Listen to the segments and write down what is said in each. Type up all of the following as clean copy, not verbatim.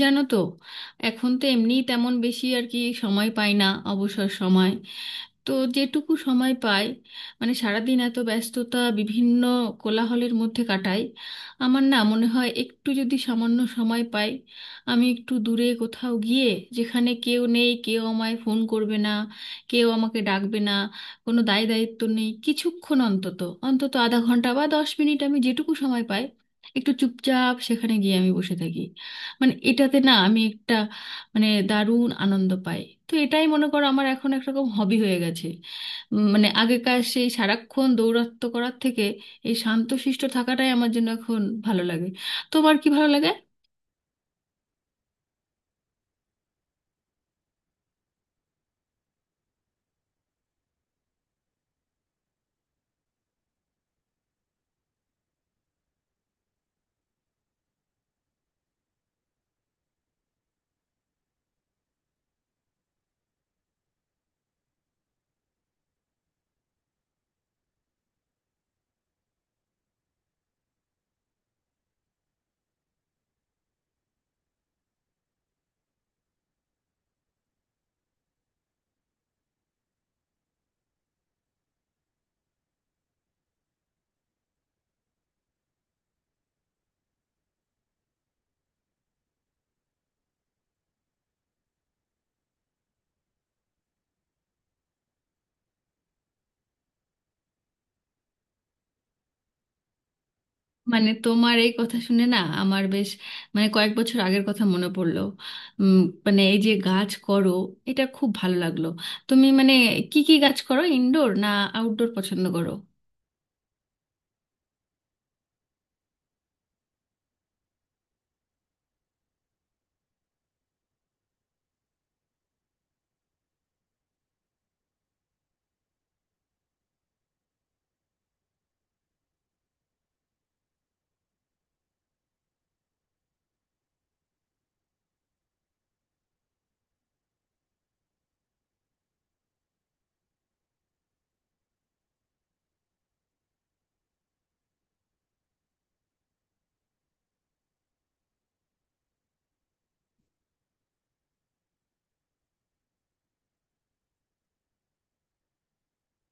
জানো তো। এখন তো এমনি তেমন বেশি আর কি সময় পাই না। অবসর সময়, তো যেটুকু সময় পাই, মানে সারাদিন এত ব্যস্ততা, বিভিন্ন কোলাহলের মধ্যে কাটাই। আমার না মনে হয়, একটু যদি সামান্য সময় পাই, আমি একটু দূরে কোথাও গিয়ে, যেখানে কেউ নেই, কেউ আমায় ফোন করবে না, কেউ আমাকে ডাকবে না, কোনো দায় দায়িত্ব নেই, কিছুক্ষণ অন্তত অন্তত আধা ঘন্টা বা 10 মিনিট আমি যেটুকু সময় পাই, একটু চুপচাপ সেখানে গিয়ে আমি বসে থাকি। মানে এটাতে না আমি একটা, মানে দারুণ আনন্দ পাই। তো এটাই মনে করো আমার এখন একরকম হবি হয়ে গেছে। মানে আগেকার সেই সারাক্ষণ দৌরাত্ম্য করার থেকে এই শান্তশিষ্ট থাকাটাই আমার জন্য এখন ভালো লাগে। তোমার কি ভালো লাগে? মানে তোমার এই কথা শুনে না আমার বেশ, মানে কয়েক বছর আগের কথা মনে পড়লো। উম, মানে এই যে গাছ করো, এটা খুব ভালো লাগলো। তুমি মানে কি কি গাছ করো? ইনডোর না আউটডোর পছন্দ করো?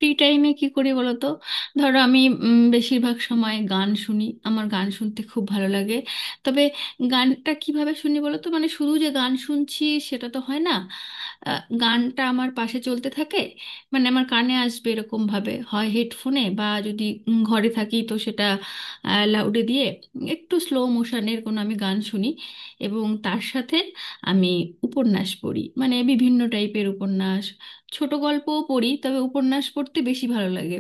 ফ্রি টাইমে কি করি বলো তো। ধরো আমি, বেশিরভাগ সময় গান শুনি, আমার গান শুনতে খুব ভালো লাগে। তবে গানটা কিভাবে শুনি বলো তো, মানে শুধু যে গান শুনছি সেটা তো হয় না। গানটা আমার পাশে চলতে থাকে, মানে আমার কানে আসবে এরকম ভাবে, হয় হেডফোনে বা যদি ঘরে থাকি তো সেটা লাউডে দিয়ে একটু স্লো মোশনের কোনো আমি গান শুনি। এবং তার সাথে আমি উপন্যাস পড়ি, মানে বিভিন্ন টাইপের উপন্যাস। ছোট গল্পও পড়ি, তবে উপন্যাস পড়তে বেশি ভালো লাগে।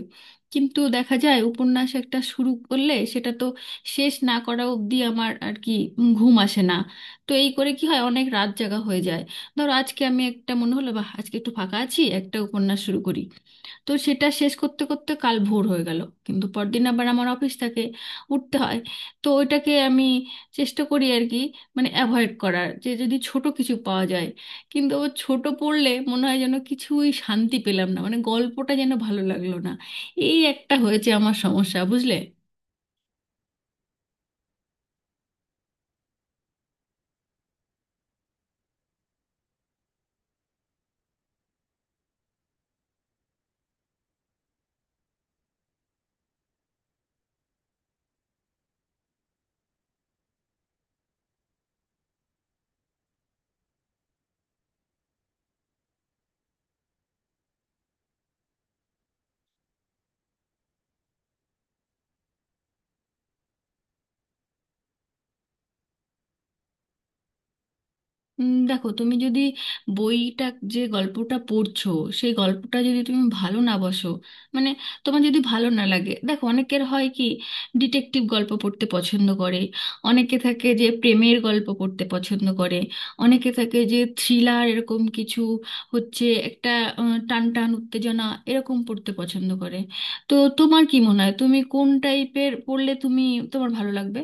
কিন্তু দেখা যায় উপন্যাস একটা শুরু করলে সেটা তো শেষ না করা অবধি আমার আর কি ঘুম আসে না। তো এই করে কি হয়, অনেক রাত জাগা হয়ে যায়। ধরো আজকে আমি একটা মনে হলো বা আজকে একটু ফাঁকা আছি, একটা উপন্যাস শুরু করি, তো সেটা শেষ করতে করতে কাল ভোর হয়ে গেল। কিন্তু পরদিন আবার আমার অফিস থাকে, উঠতে হয়। তো ওইটাকে আমি চেষ্টা করি আর কি, মানে অ্যাভয়েড করার, যে যদি ছোট কিছু পাওয়া যায়। কিন্তু ও ছোট পড়লে মনে হয় যেন কিছুই শান্তি পেলাম না, মানে গল্পটা যেন ভালো লাগলো না। এই একটা হয়েছে আমার সমস্যা, বুঝলে। দেখো তুমি যদি বইটা, যে গল্পটা পড়ছো, সেই গল্পটা যদি তুমি ভালো না বসো, মানে তোমার যদি ভালো না লাগে, দেখো অনেকের হয় কি ডিটেকটিভ গল্প পড়তে পছন্দ করে। অনেকে থাকে যে প্রেমের গল্প পড়তে পছন্দ করে। অনেকে থাকে যে থ্রিলার এরকম কিছু, হচ্ছে একটা টান টান উত্তেজনা, এরকম পড়তে পছন্দ করে। তো তোমার কি মনে হয় তুমি কোন টাইপের পড়লে তুমি, তোমার ভালো লাগবে?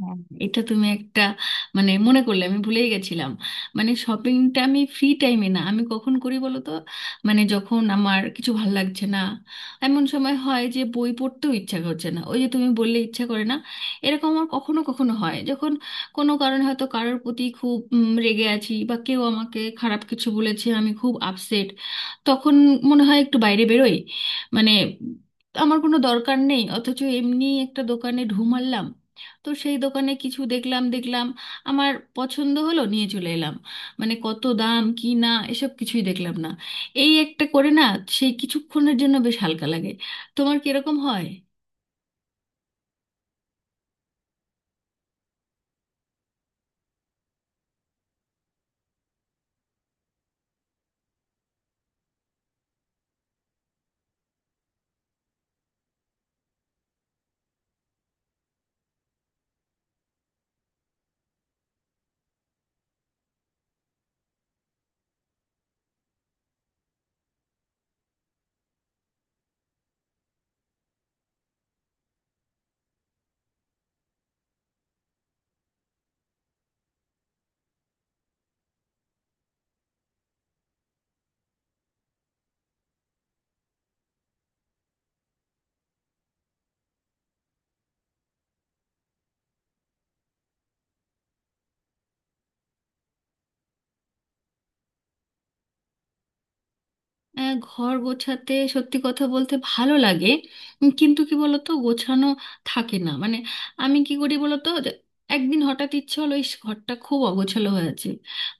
হ্যাঁ, এটা তুমি একটা, মানে মনে করলে আমি ভুলেই গেছিলাম। মানে শপিংটা আমি ফ্রি টাইমে না, আমি কখন করি বলো তো, মানে যখন আমার কিছু ভালো লাগছে না। এমন সময় হয় যে বই পড়তেও ইচ্ছা করছে না, ওই যে তুমি বললে ইচ্ছা করে না, এরকম আমার কখনো কখনো হয়, যখন কোনো কারণে হয়তো কারোর প্রতি খুব রেগে আছি, বা কেউ আমাকে খারাপ কিছু বলেছে, আমি খুব আপসেট। তখন মনে হয় একটু বাইরে বেরোই, মানে আমার কোনো দরকার নেই অথচ এমনি একটা দোকানে ঢু মারলাম। তো সেই দোকানে কিছু দেখলাম দেখলাম, আমার পছন্দ হলো, নিয়ে চলে এলাম। মানে কত দাম কি না এসব কিছুই দেখলাম না। এই একটা করে না, সেই কিছুক্ষণের জন্য বেশ হালকা লাগে। তোমার কিরকম হয়? ঘর গোছাতে সত্যি কথা বলতে ভালো লাগে, কিন্তু কি বলতো, গোছানো থাকে না। মানে আমি কি করি বলতো যে একদিন হঠাৎ ইচ্ছে হলো ইস, ঘরটা খুব অগোছালো হয়ে আছে,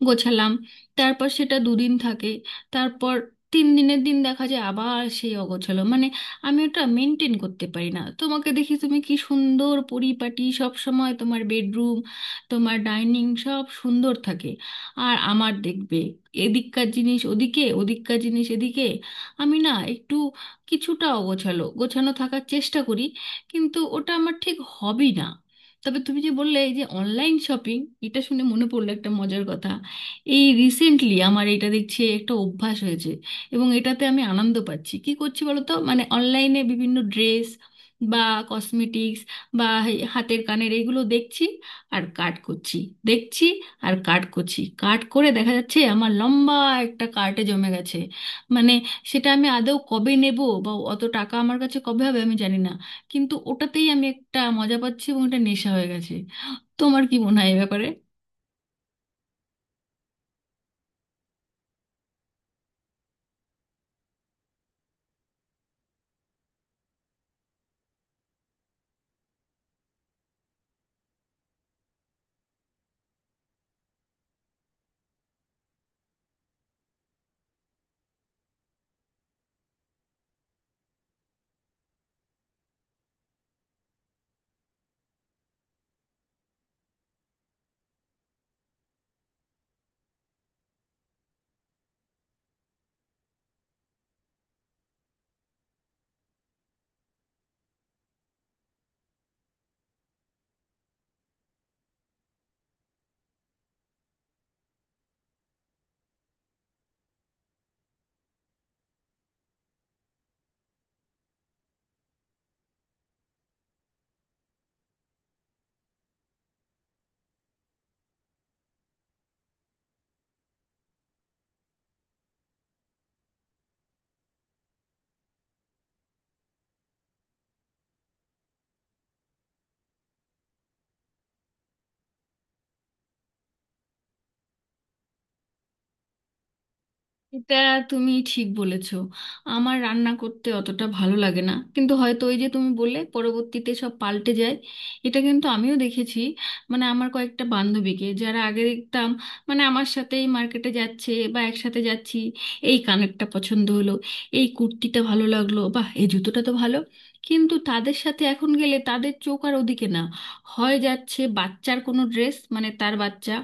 গোছালাম। তারপর সেটা দুদিন থাকে, তারপর তিন দিনের দিন দেখা যায় আবার সেই অগোছালো, মানে আমি ওটা মেনটেন করতে পারি না। তোমাকে দেখি তুমি কি সুন্দর পরিপাটি, সব সময় তোমার বেডরুম, তোমার ডাইনিং সব সুন্দর থাকে। আর আমার দেখবে এদিককার জিনিস ওদিকে, ওদিককার জিনিস এদিকে। আমি না একটু কিছুটা অগোছালো, গোছানো থাকার চেষ্টা করি কিন্তু ওটা আমার ঠিক হবই না। তবে তুমি যে বললে এই যে অনলাইন শপিং, এটা শুনে মনে পড়লো একটা মজার কথা। এই রিসেন্টলি আমার এটা দেখছি একটা অভ্যাস হয়েছে এবং এটাতে আমি আনন্দ পাচ্ছি। কি করছি বলো তো, মানে অনলাইনে বিভিন্ন ড্রেস বা কসমেটিক্স বা এই হাতের কানের এগুলো দেখছি আর কাট করছি। দেখছি আর কাট করছি, কাট করে দেখা যাচ্ছে আমার লম্বা একটা কার্টে জমে গেছে। মানে সেটা আমি আদৌ কবে নেব, বা অত টাকা আমার কাছে কবে হবে আমি জানি না। কিন্তু ওটাতেই আমি একটা মজা পাচ্ছি এবং এটা নেশা হয়ে গেছে। তোমার কি মনে হয় এ ব্যাপারে? এটা তুমি ঠিক বলেছো। আমার রান্না করতে অতটা ভালো লাগে না, কিন্তু হয়তো ওই যে তুমি বললে পরবর্তীতে সব পাল্টে যায়, এটা কিন্তু আমিও দেখেছি। মানে আমার কয়েকটা বান্ধবীকে যারা আগে দেখতাম, মানে আমার সাথেই মার্কেটে যাচ্ছে বা একসাথে যাচ্ছি, এই কানেরটা পছন্দ হলো, এই কুর্তিটা ভালো লাগলো, বা এই জুতোটা তো ভালো। কিন্তু তাদের সাথে এখন গেলে তাদের চোখ আর ওদিকে না, হয় যাচ্ছে বাচ্চার কোনো ড্রেস, মানে তার বাচ্চা,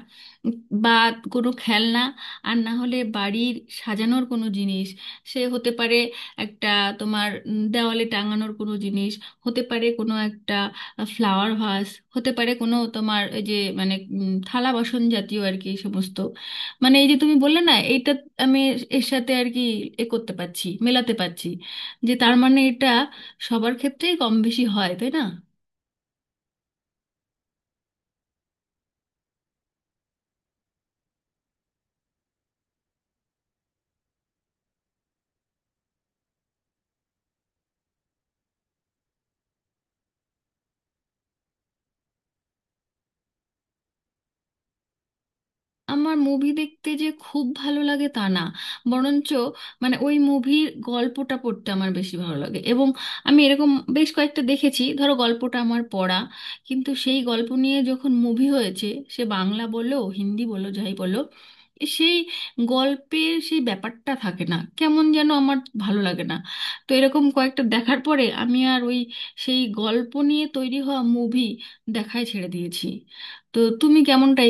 বা কোনো খেলনা, আর না হলে বাড়ির সাজানোর কোনো জিনিস। সে হতে পারে একটা তোমার দেওয়ালে টাঙানোর কোনো জিনিস, হতে পারে কোনো একটা ফ্লাওয়ার ভাস, হতে পারে কোনো তোমার ওই যে, মানে থালা বাসন জাতীয় আর কি, এই সমস্ত। মানে এই যে তুমি বললে না এইটা, আমি এর সাথে আর কি এ করতে পারছি, মেলাতে পারছি, যে তার মানে এটা সবার ক্ষেত্রেই কম বেশি হয়, তাই না? আমার মুভি দেখতে যে খুব ভালো লাগে তা না, বরঞ্চ মানে ওই মুভির গল্পটা পড়তে আমার বেশি ভালো লাগে। এবং আমি এরকম বেশ কয়েকটা দেখেছি, ধরো গল্পটা আমার পড়া, কিন্তু সেই গল্প নিয়ে যখন মুভি হয়েছে, সে বাংলা বলো হিন্দি বলো যাই বলো, সেই গল্পের সেই ব্যাপারটা থাকে না, কেমন যেন আমার ভালো লাগে না। তো এরকম কয়েকটা দেখার পরে আমি আর ওই সেই গল্প নিয়ে তৈরি হওয়া মুভি দেখাই ছেড়ে দিয়েছি। তো তুমি কেমনটা?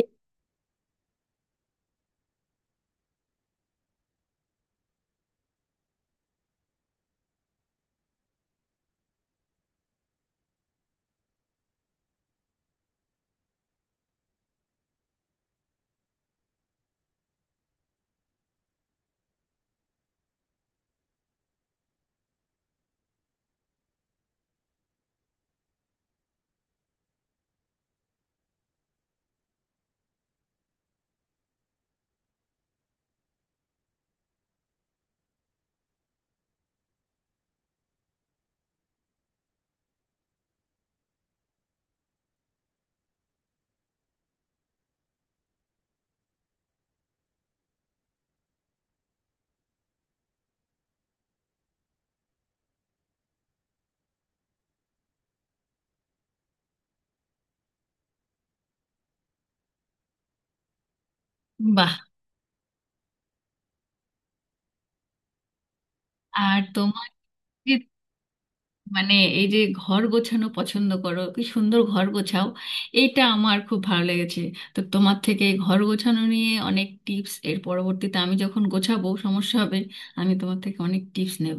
বাহ। আর তোমার, যে মানে এই যে ঘর গোছানো পছন্দ করো, কি সুন্দর ঘর গোছাও, এইটা আমার খুব ভালো লেগেছে। তো তোমার থেকে ঘর গোছানো নিয়ে অনেক টিপস, এর পরবর্তীতে আমি যখন গোছাবো সমস্যা হবে, আমি তোমার থেকে অনেক টিপস নেব।